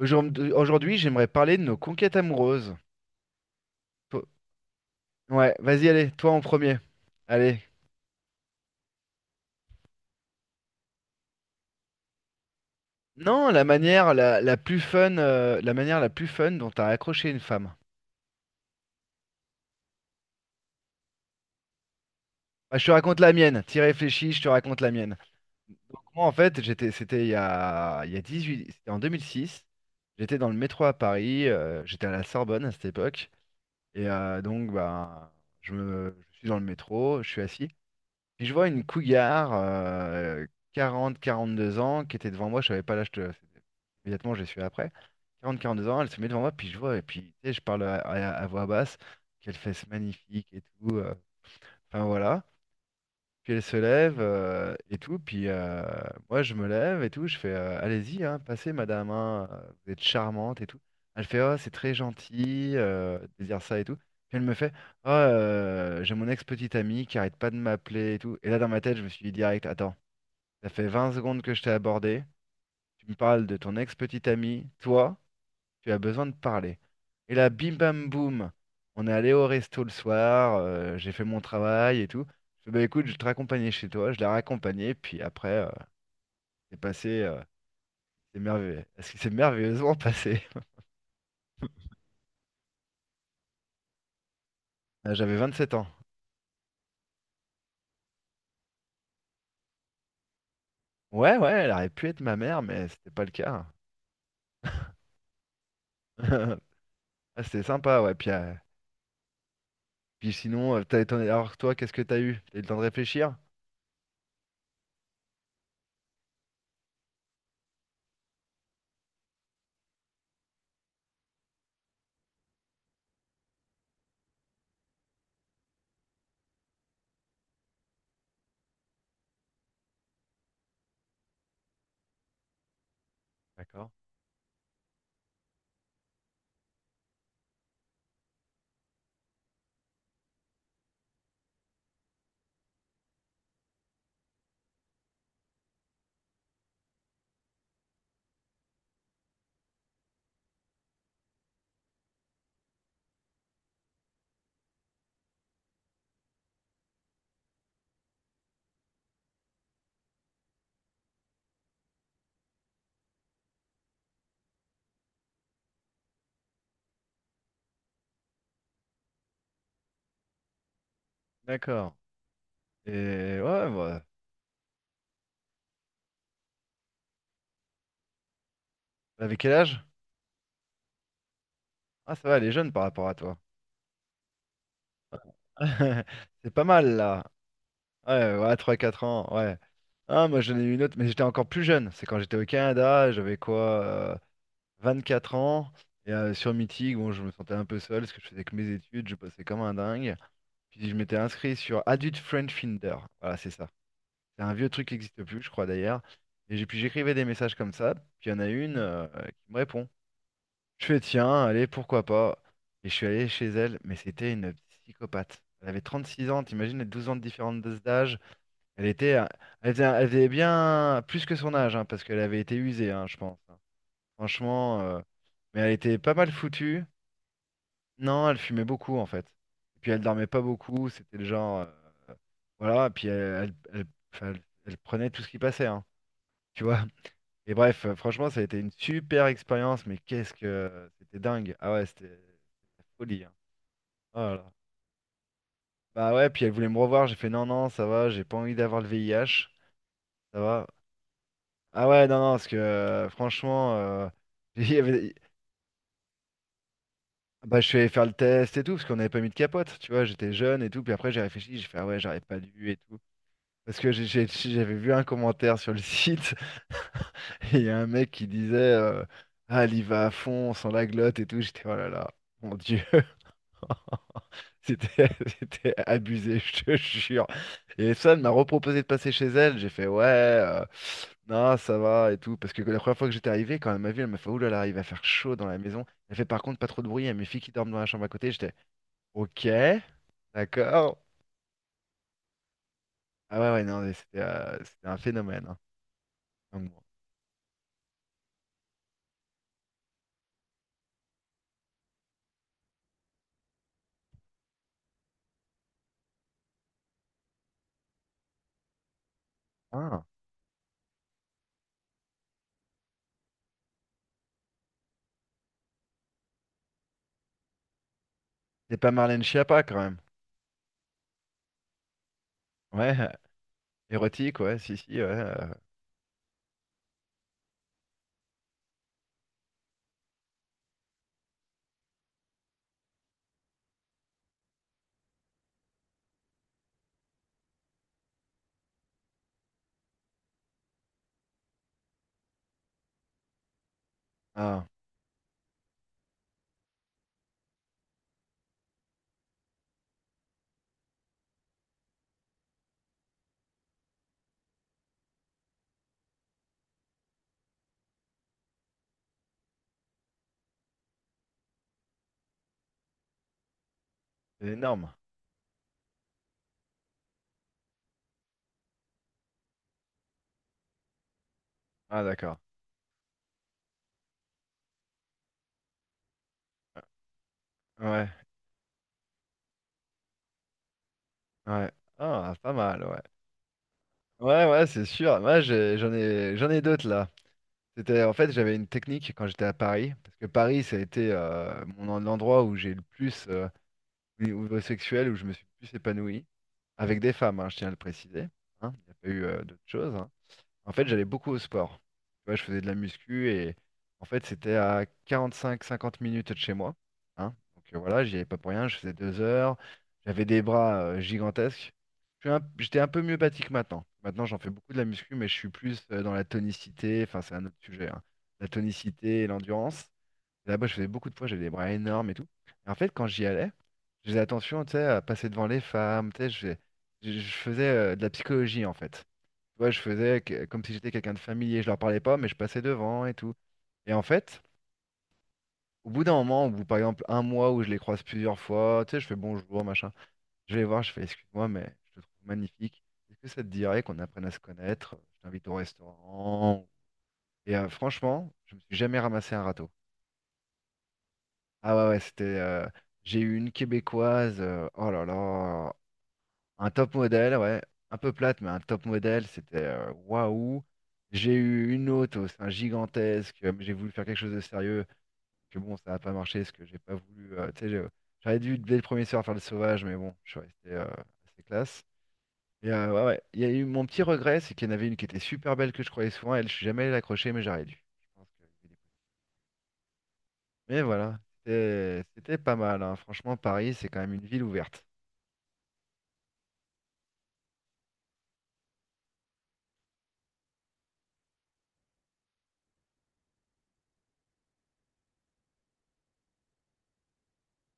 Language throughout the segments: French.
Aujourd'hui, j'aimerais parler de nos conquêtes amoureuses. Toi- Ouais, vas-y, allez, toi en premier. Allez. Non, la manière la plus fun, la manière la plus fun dont t'as accroché une femme. Ah, je te raconte la mienne. T'y réfléchis, je te raconte la mienne. Moi, en fait, c'était il y a 18, c'était en 2006. J'étais dans le métro à Paris. J'étais à la Sorbonne à cette époque. Et donc, bah, je suis dans le métro, je suis assis. Puis je vois une cougar, 40-42 ans, qui était devant moi, je savais pas l'âge de. Immédiatement, je l'ai su après. 40-42 ans, elle se met devant moi, puis je vois, et puis tu sais, je parle à voix basse, qu'elle fesse magnifique et tout. Enfin voilà. Puis elle se lève et tout. Puis moi, je me lève et tout. Je fais allez-y, hein, passez, madame. Hein, vous êtes charmante et tout. Elle fait oh, c'est très gentil de dire ça et tout. Puis elle me fait oh, j'ai mon ex-petite amie qui arrête pas de m'appeler et tout. Et là, dans ma tête, je me suis dit direct attends, ça fait 20 secondes que je t'ai abordé. Tu me parles de ton ex-petite amie, toi tu as besoin de parler. Et là, bim bam boum, on est allé au resto le soir, j'ai fait mon travail et tout. Je fais, bah écoute, je vais te raccompagner chez toi, je l'ai raccompagné, puis après, c'est passé, c'est merveilleux. Est-ce que c'est merveilleusement passé? J'avais 7 ans. Ouais, ouais, elle aurait pu être ma mère, mais c'était pas le cas. Ah, c'était sympa, ouais. Puis, puis sinon, alors toi, qu'est-ce que t'as eu? T'as eu le temps de réfléchir? D'accord. D'accord. Et ouais, bah, avec quel âge? Ah, ça va, elle est jeune par rapport à toi. C'est pas mal là. Ouais, ouais, 3-4 ans, ouais. Ah, moi j'en ai eu une autre, mais j'étais encore plus jeune. C'est quand j'étais au Canada, j'avais quoi, 4 ans. Et sur Meeting, bon, je me sentais un peu seul parce que je faisais que mes études, je bossais comme un dingue. Puis je m'étais inscrit sur Adult Friend Finder. Voilà, c'est ça. C'est un vieux truc qui n'existe plus, je crois d'ailleurs. Puis j'écrivais des messages comme ça. Puis il y en a une qui me répond. Je fais tiens, allez, pourquoi pas. Et je suis allé chez elle, mais c'était une psychopathe. Elle avait 36 ans, t'imagines les 12 ans de différence d'âge. Elle était, euh, elle faisait bien plus que son âge, hein, parce qu'elle avait été usée, hein, je pense. Hein. Franchement, mais elle était pas mal foutue. Non, elle fumait beaucoup en fait. Et puis elle dormait pas beaucoup, c'était le genre, euh, voilà. Et puis enfin, elle prenait tout ce qui passait, hein, tu vois. Et bref, franchement, ça a été une super expérience, mais qu'est-ce que c'était dingue. Ah ouais, c'était la folie. Hein. Oh là là. Bah ouais, puis elle voulait me revoir, j'ai fait non, non, ça va, j'ai pas envie d'avoir le VIH, ça va. Ah ouais, non, non, parce que franchement, il y avait- bah, je suis allé faire le test et tout, parce qu'on n'avait pas mis de capote, tu vois, j'étais jeune et tout, puis après j'ai réfléchi, j'ai fait ah ouais, j'aurais pas dû et tout. Parce que j'avais vu un commentaire sur le site, et il y a un mec qui disait ah, elle y va à fond, sans la glotte et tout, j'étais oh là là, mon Dieu. C'était c'était abusé, je te jure. Et ça, elle m'a reproposé de passer chez elle. J'ai fait ouais, non, ça va et tout. Parce que la première fois que j'étais arrivé, quand elle m'a vu, elle m'a fait oulala, il va faire chaud dans la maison. Elle fait par contre pas trop de bruit. Il y a mes filles qui dorment dans la chambre à côté. J'étais ok, d'accord. Ah ouais, ouais, non, mais c'était un phénomène. Hein. Donc bon. Ah, c'est pas Marlène Schiappa quand même. Ouais, érotique, ouais, si, si, ouais. Ah, c'est énorme. Ah, d'accord. Ouais, ouais. Ah, pas mal, ouais. Ouais, ouais, c'est sûr. Moi, j'en ai d'autres là. En fait, j'avais une technique quand j'étais à Paris, parce que Paris, ça a été l'endroit où j'ai le plus, au niveau sexuel, où je me suis le plus épanoui, avec des femmes, hein, je tiens à le préciser. Hein. Il n'y a pas eu d'autres choses. Hein. En fait, j'allais beaucoup au sport. Tu vois, je faisais de la muscu et en fait, c'était à 45-50 minutes de chez moi. Hein. Donc voilà, j'y allais pas pour rien. Je faisais 2 heures. J'avais des bras gigantesques. J'étais un peu mieux bâti que maintenant. Maintenant, j'en fais beaucoup de la muscu, mais je suis plus dans la tonicité. Enfin, c'est un autre sujet. Hein. La tonicité et l'endurance. Et là-bas, je faisais beaucoup de poids. J'avais des bras énormes et tout. Et en fait, quand j'y allais, je faisais attention, tu sais, à passer devant les femmes. Tu sais, je faisais de la psychologie en fait. Tu vois, comme si j'étais quelqu'un de familier, je leur parlais pas, mais je passais devant et tout. Et en fait, au bout d'un moment, au bout par exemple un mois où je les croise plusieurs fois, tu sais, je fais bonjour, machin. Je vais les voir, je fais excuse-moi, mais je te trouve magnifique. Est-ce que ça te dirait qu'on apprenne à se connaître? Je t'invite au restaurant. Et franchement, je me suis jamais ramassé un râteau. Ah ouais, ouais, c'était. J'ai eu une Québécoise. Oh là là. Un top modèle, ouais. Un peu plate, mais un top modèle, c'était waouh. J'ai eu une autre au sein gigantesque. Mais j'ai voulu faire quelque chose de sérieux. Puis bon, ça n'a pas marché parce que j'ai pas voulu. Tu sais, j'aurais dû dès le premier soir faire le sauvage, mais bon, je suis resté assez classe. Et ouais, ouais. Il y a eu mon petit regret, c'est qu'il y en avait une qui était super belle que je croyais souvent. Elle, je suis jamais allé l'accrocher, mais j'aurais dû. Je pense que- Mais voilà, c'était pas mal. Hein. Franchement, Paris, c'est quand même une ville ouverte.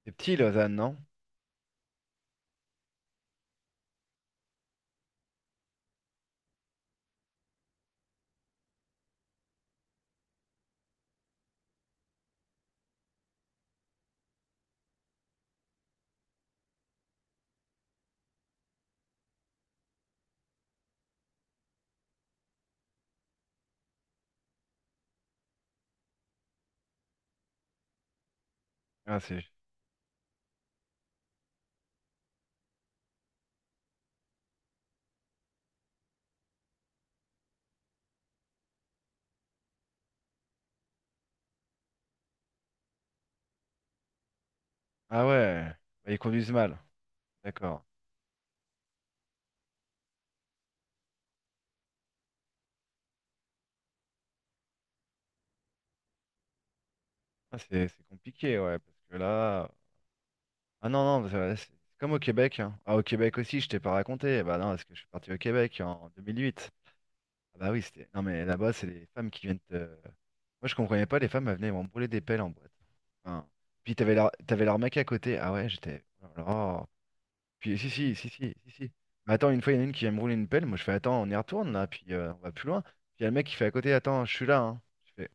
C'est petit, Lausanne, non? Ah, c'est. Ah ouais, bah, ils conduisent mal. D'accord. Ah, c'est compliqué, ouais, parce que là. Ah non, non, c'est comme au Québec. Hein. Ah, au Québec aussi, je t'ai pas raconté. Ah bah non, parce que je suis parti au Québec en 2008. Ah bah oui, c'était. Non, mais là-bas, c'est les femmes qui viennent te. Moi, je comprenais pas, les femmes, elles venaient m'embrouler des pelles en boîte. Enfin, puis t'avais leur mec à côté. Ah ouais, j'étais. Oh là là. Puis si, si, si, si, si, si. Mais attends, une fois, il y en a une qui vient me rouler une pelle. Moi, je fais, attends, on y retourne, là, puis on va plus loin. Puis il y a le mec qui fait à côté, attends, je suis là, hein. Je fais,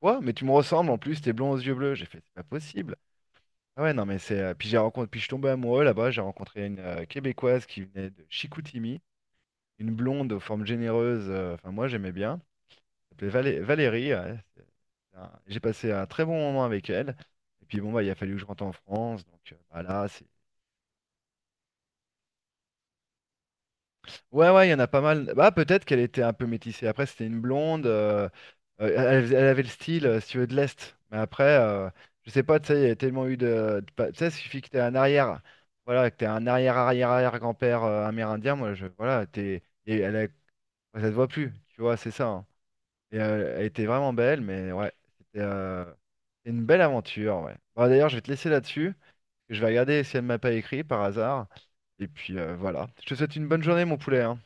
quoi? Mais tu me ressembles, en plus, t'es blond aux yeux bleus. J'ai fait, c'est pas possible. Ah ouais, non, mais c'est. Puis j'ai rencontré. Puis je suis tombé amoureux là-bas. J'ai rencontré une Québécoise qui venait de Chicoutimi, une blonde aux formes généreuses. Enfin, moi, j'aimais bien. Elle s'appelait Valérie. J'ai passé un très bon moment avec elle. Et puis bon, bah, il a fallu que je rentre en France. Donc bah, là, c'est. Ouais, ouais, il y en a pas mal. Bah, peut-être qu'elle était un peu métissée. Après, c'était une blonde. Euh, elle avait le style, si tu veux, de l'Est. Mais après, je sais pas, tu sais, il y a tellement eu tu sais, il suffit que t'aies un arrière. Voilà, que t'aies un arrière-arrière-arrière-grand-père amérindien. Moi, je. Voilà, t'es. Et elle a. Ouais, ça te voit plus, tu vois, c'est ça. Hein. Et elle était vraiment belle, mais ouais, c'était euh, c'était une belle aventure, ouais. Bon, d'ailleurs, je vais te laisser là-dessus. Je vais regarder si elle m'a pas écrit par hasard. Et puis voilà. Je te souhaite une bonne journée, mon poulet. Hein.